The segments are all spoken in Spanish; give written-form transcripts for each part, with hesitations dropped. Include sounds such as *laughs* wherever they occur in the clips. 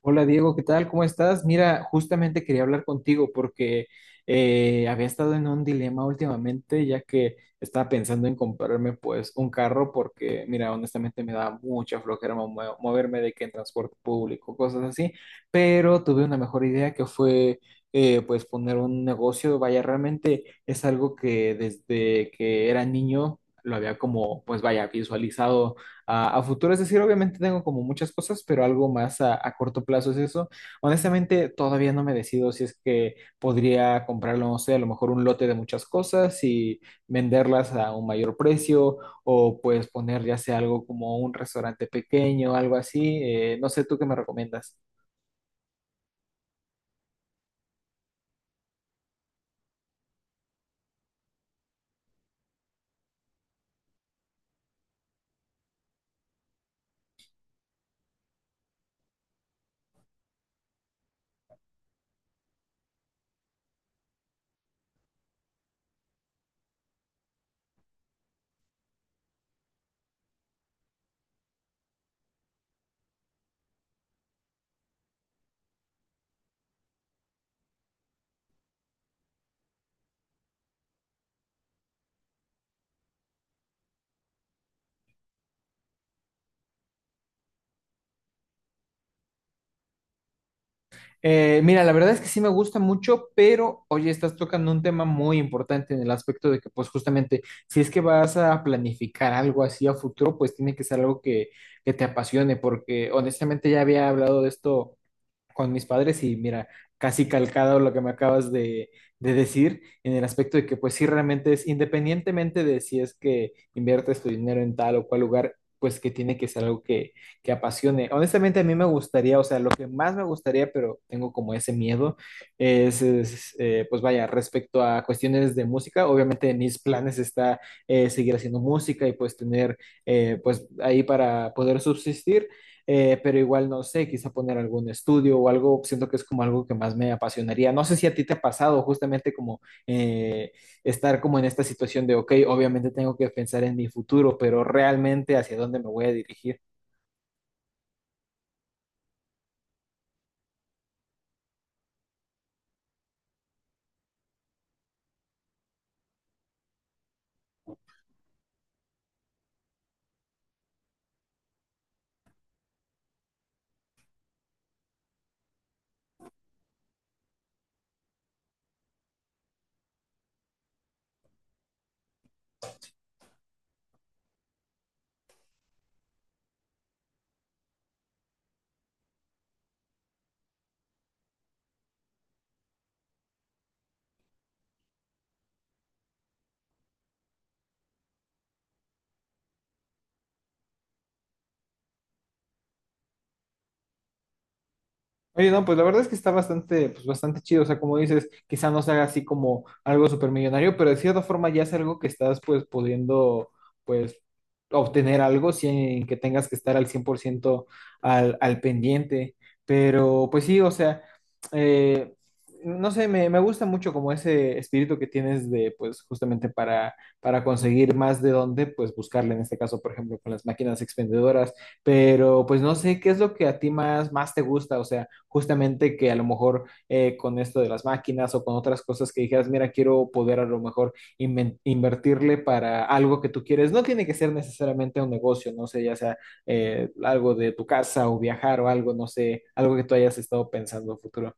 Hola Diego, ¿qué tal? ¿Cómo estás? Mira, justamente quería hablar contigo porque había estado en un dilema últimamente, ya que estaba pensando en comprarme pues un carro porque, mira, honestamente me da mucha flojera moverme de que en transporte público, cosas así, pero tuve una mejor idea que fue pues poner un negocio, vaya, realmente es algo que desde que era niño lo había como, pues vaya, visualizado a futuro. Es decir, obviamente tengo como muchas cosas, pero algo más a corto plazo es eso. Honestamente, todavía no me decido si es que podría comprarlo, no sé, a lo mejor un lote de muchas cosas y venderlas a un mayor precio o pues poner ya sea algo como un restaurante pequeño, algo así. No sé, ¿tú qué me recomiendas? Mira, la verdad es que sí me gusta mucho, pero oye, estás tocando un tema muy importante en el aspecto de que, pues justamente, si es que vas a planificar algo así a futuro, pues tiene que ser algo que te apasione, porque honestamente ya había hablado de esto con mis padres y mira, casi calcado lo que me acabas de decir en el aspecto de que pues sí realmente es independientemente de si es que inviertes tu dinero en tal o cual lugar, pues que tiene que ser algo que apasione. Honestamente a mí me gustaría, o sea, lo que más me gustaría, pero tengo como ese miedo, es, pues vaya, respecto a cuestiones de música, obviamente en mis planes está seguir haciendo música y pues tener pues ahí para poder subsistir, pero igual no sé, quizá poner algún estudio o algo, siento que es como algo que más me apasionaría. No sé si a ti te ha pasado justamente como eh, estar como en esta situación de, ok, obviamente tengo que pensar en mi futuro, pero realmente hacia dónde me voy a dirigir. Oye, no, pues la verdad es que está bastante, pues bastante chido. O sea, como dices, quizá no sea así como algo supermillonario, pero de cierta forma ya es algo que estás pues pudiendo pues obtener algo sin que tengas que estar al 100% al pendiente. Pero pues sí, o sea, eh, no sé, me gusta mucho como ese espíritu que tienes de pues justamente para conseguir más de dónde pues buscarle, en este caso, por ejemplo, con las máquinas expendedoras. Pero pues no sé, ¿qué es lo que a ti más, más te gusta? O sea, justamente que a lo mejor con esto de las máquinas o con otras cosas que dijeras, mira, quiero poder a lo mejor invertirle para algo que tú quieres. No tiene que ser necesariamente un negocio, no sé, ya sea algo de tu casa o viajar o algo, no sé, algo que tú hayas estado pensando a futuro.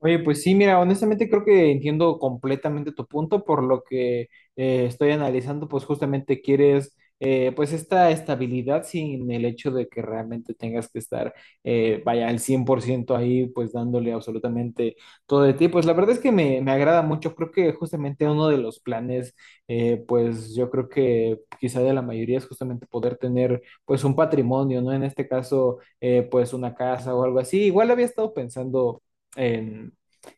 Oye, pues sí, mira, honestamente creo que entiendo completamente tu punto, por lo que estoy analizando, pues justamente quieres pues esta estabilidad sin el hecho de que realmente tengas que estar, vaya, al 100% ahí, pues dándole absolutamente todo de ti. Pues la verdad es que me agrada mucho, creo que justamente uno de los planes, pues yo creo que quizá de la mayoría es justamente poder tener pues un patrimonio, ¿no? En este caso, pues una casa o algo así. Igual había estado pensando en,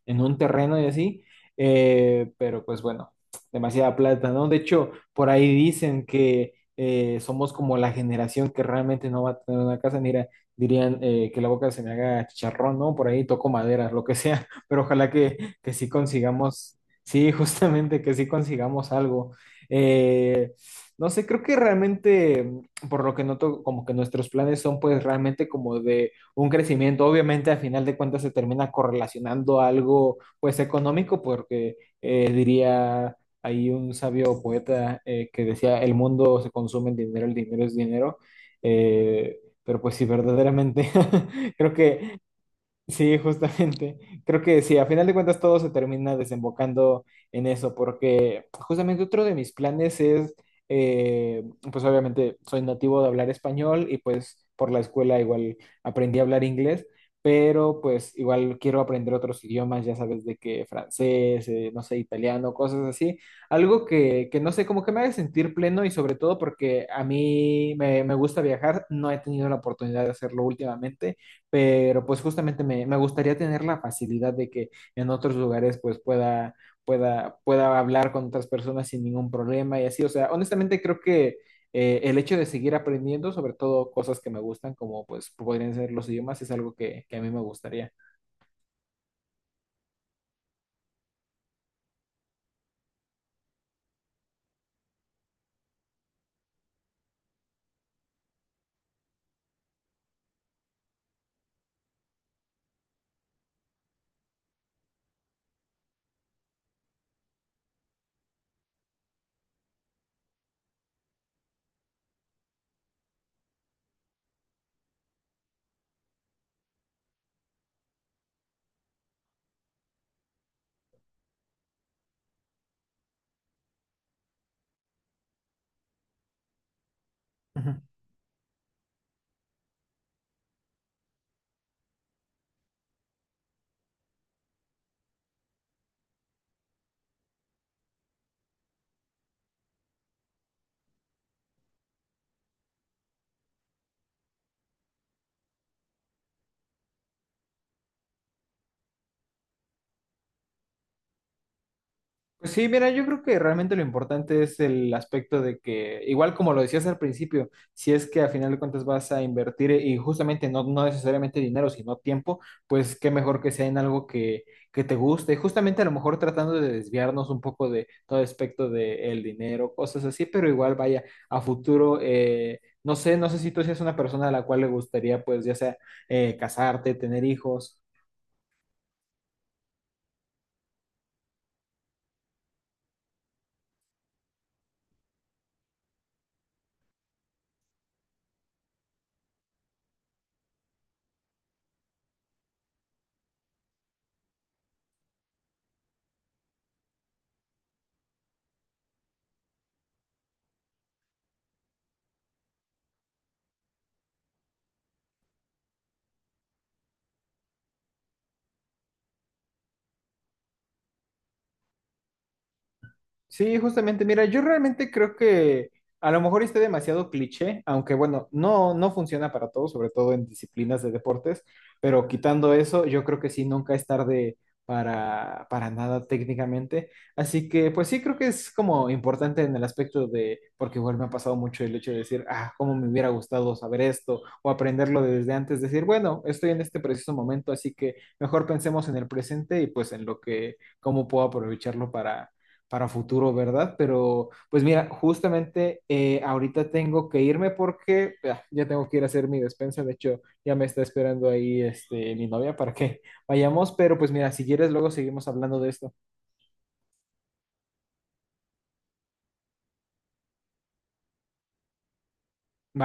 en un terreno y así, pero pues bueno, demasiada plata, ¿no? De hecho, por ahí dicen que somos como la generación que realmente no va a tener una casa, mira, dirían que la boca se me haga chicharrón, ¿no? Por ahí toco madera, lo que sea, *laughs* pero ojalá que sí consigamos, sí, *laughs* justamente que sí consigamos algo. Eh, no sé, creo que realmente, por lo que noto, como que nuestros planes son pues realmente como de un crecimiento. Obviamente, al final de cuentas, se termina correlacionando a algo, pues, económico, porque diría ahí un sabio poeta, que decía, el mundo se consume en dinero, el dinero es dinero. Eh, pero pues sí, verdaderamente *laughs* creo que sí, justamente. *laughs* Creo que sí, a final de cuentas todo se termina desembocando en eso, porque pues, justamente otro de mis planes es, eh, pues obviamente soy nativo de hablar español y pues por la escuela igual aprendí a hablar inglés, pero pues igual quiero aprender otros idiomas, ya sabes, de que francés, no sé, italiano, cosas así. Algo que no sé, como que me haga sentir pleno y sobre todo porque a mí me gusta viajar, no he tenido la oportunidad de hacerlo últimamente, pero pues justamente me gustaría tener la facilidad de que en otros lugares pues pueda, pueda hablar con otras personas sin ningún problema y así. O sea, honestamente creo que el hecho de seguir aprendiendo, sobre todo cosas que me gustan, como pues podrían ser los idiomas, es algo que a mí me gustaría. Pues sí, mira, yo creo que realmente lo importante es el aspecto de que, igual como lo decías al principio, si es que al final de cuentas vas a invertir y justamente no, no necesariamente dinero, sino tiempo, pues qué mejor que sea en algo que te guste. Justamente a lo mejor tratando de desviarnos un poco de todo aspecto del dinero, cosas así, pero igual vaya a futuro, no sé, no sé si tú seas una persona a la cual le gustaría, pues ya sea casarte, tener hijos. Sí, justamente, mira, yo realmente creo que a lo mejor esté demasiado cliché, aunque bueno, no, no funciona para todos, sobre todo en disciplinas de deportes, pero quitando eso, yo creo que sí, nunca es tarde para nada técnicamente. Así que pues sí, creo que es como importante en el aspecto de, porque igual me ha pasado mucho el hecho de decir, ah, cómo me hubiera gustado saber esto o aprenderlo desde antes, decir, bueno, estoy en este preciso momento, así que mejor pensemos en el presente y pues en lo que, cómo puedo aprovecharlo para futuro, ¿verdad? Pero pues mira, justamente ahorita tengo que irme porque ah, ya tengo que ir a hacer mi despensa, de hecho ya me está esperando ahí este, mi novia para que *laughs* vayamos, pero pues mira, si quieres luego seguimos hablando de esto. ¿Va?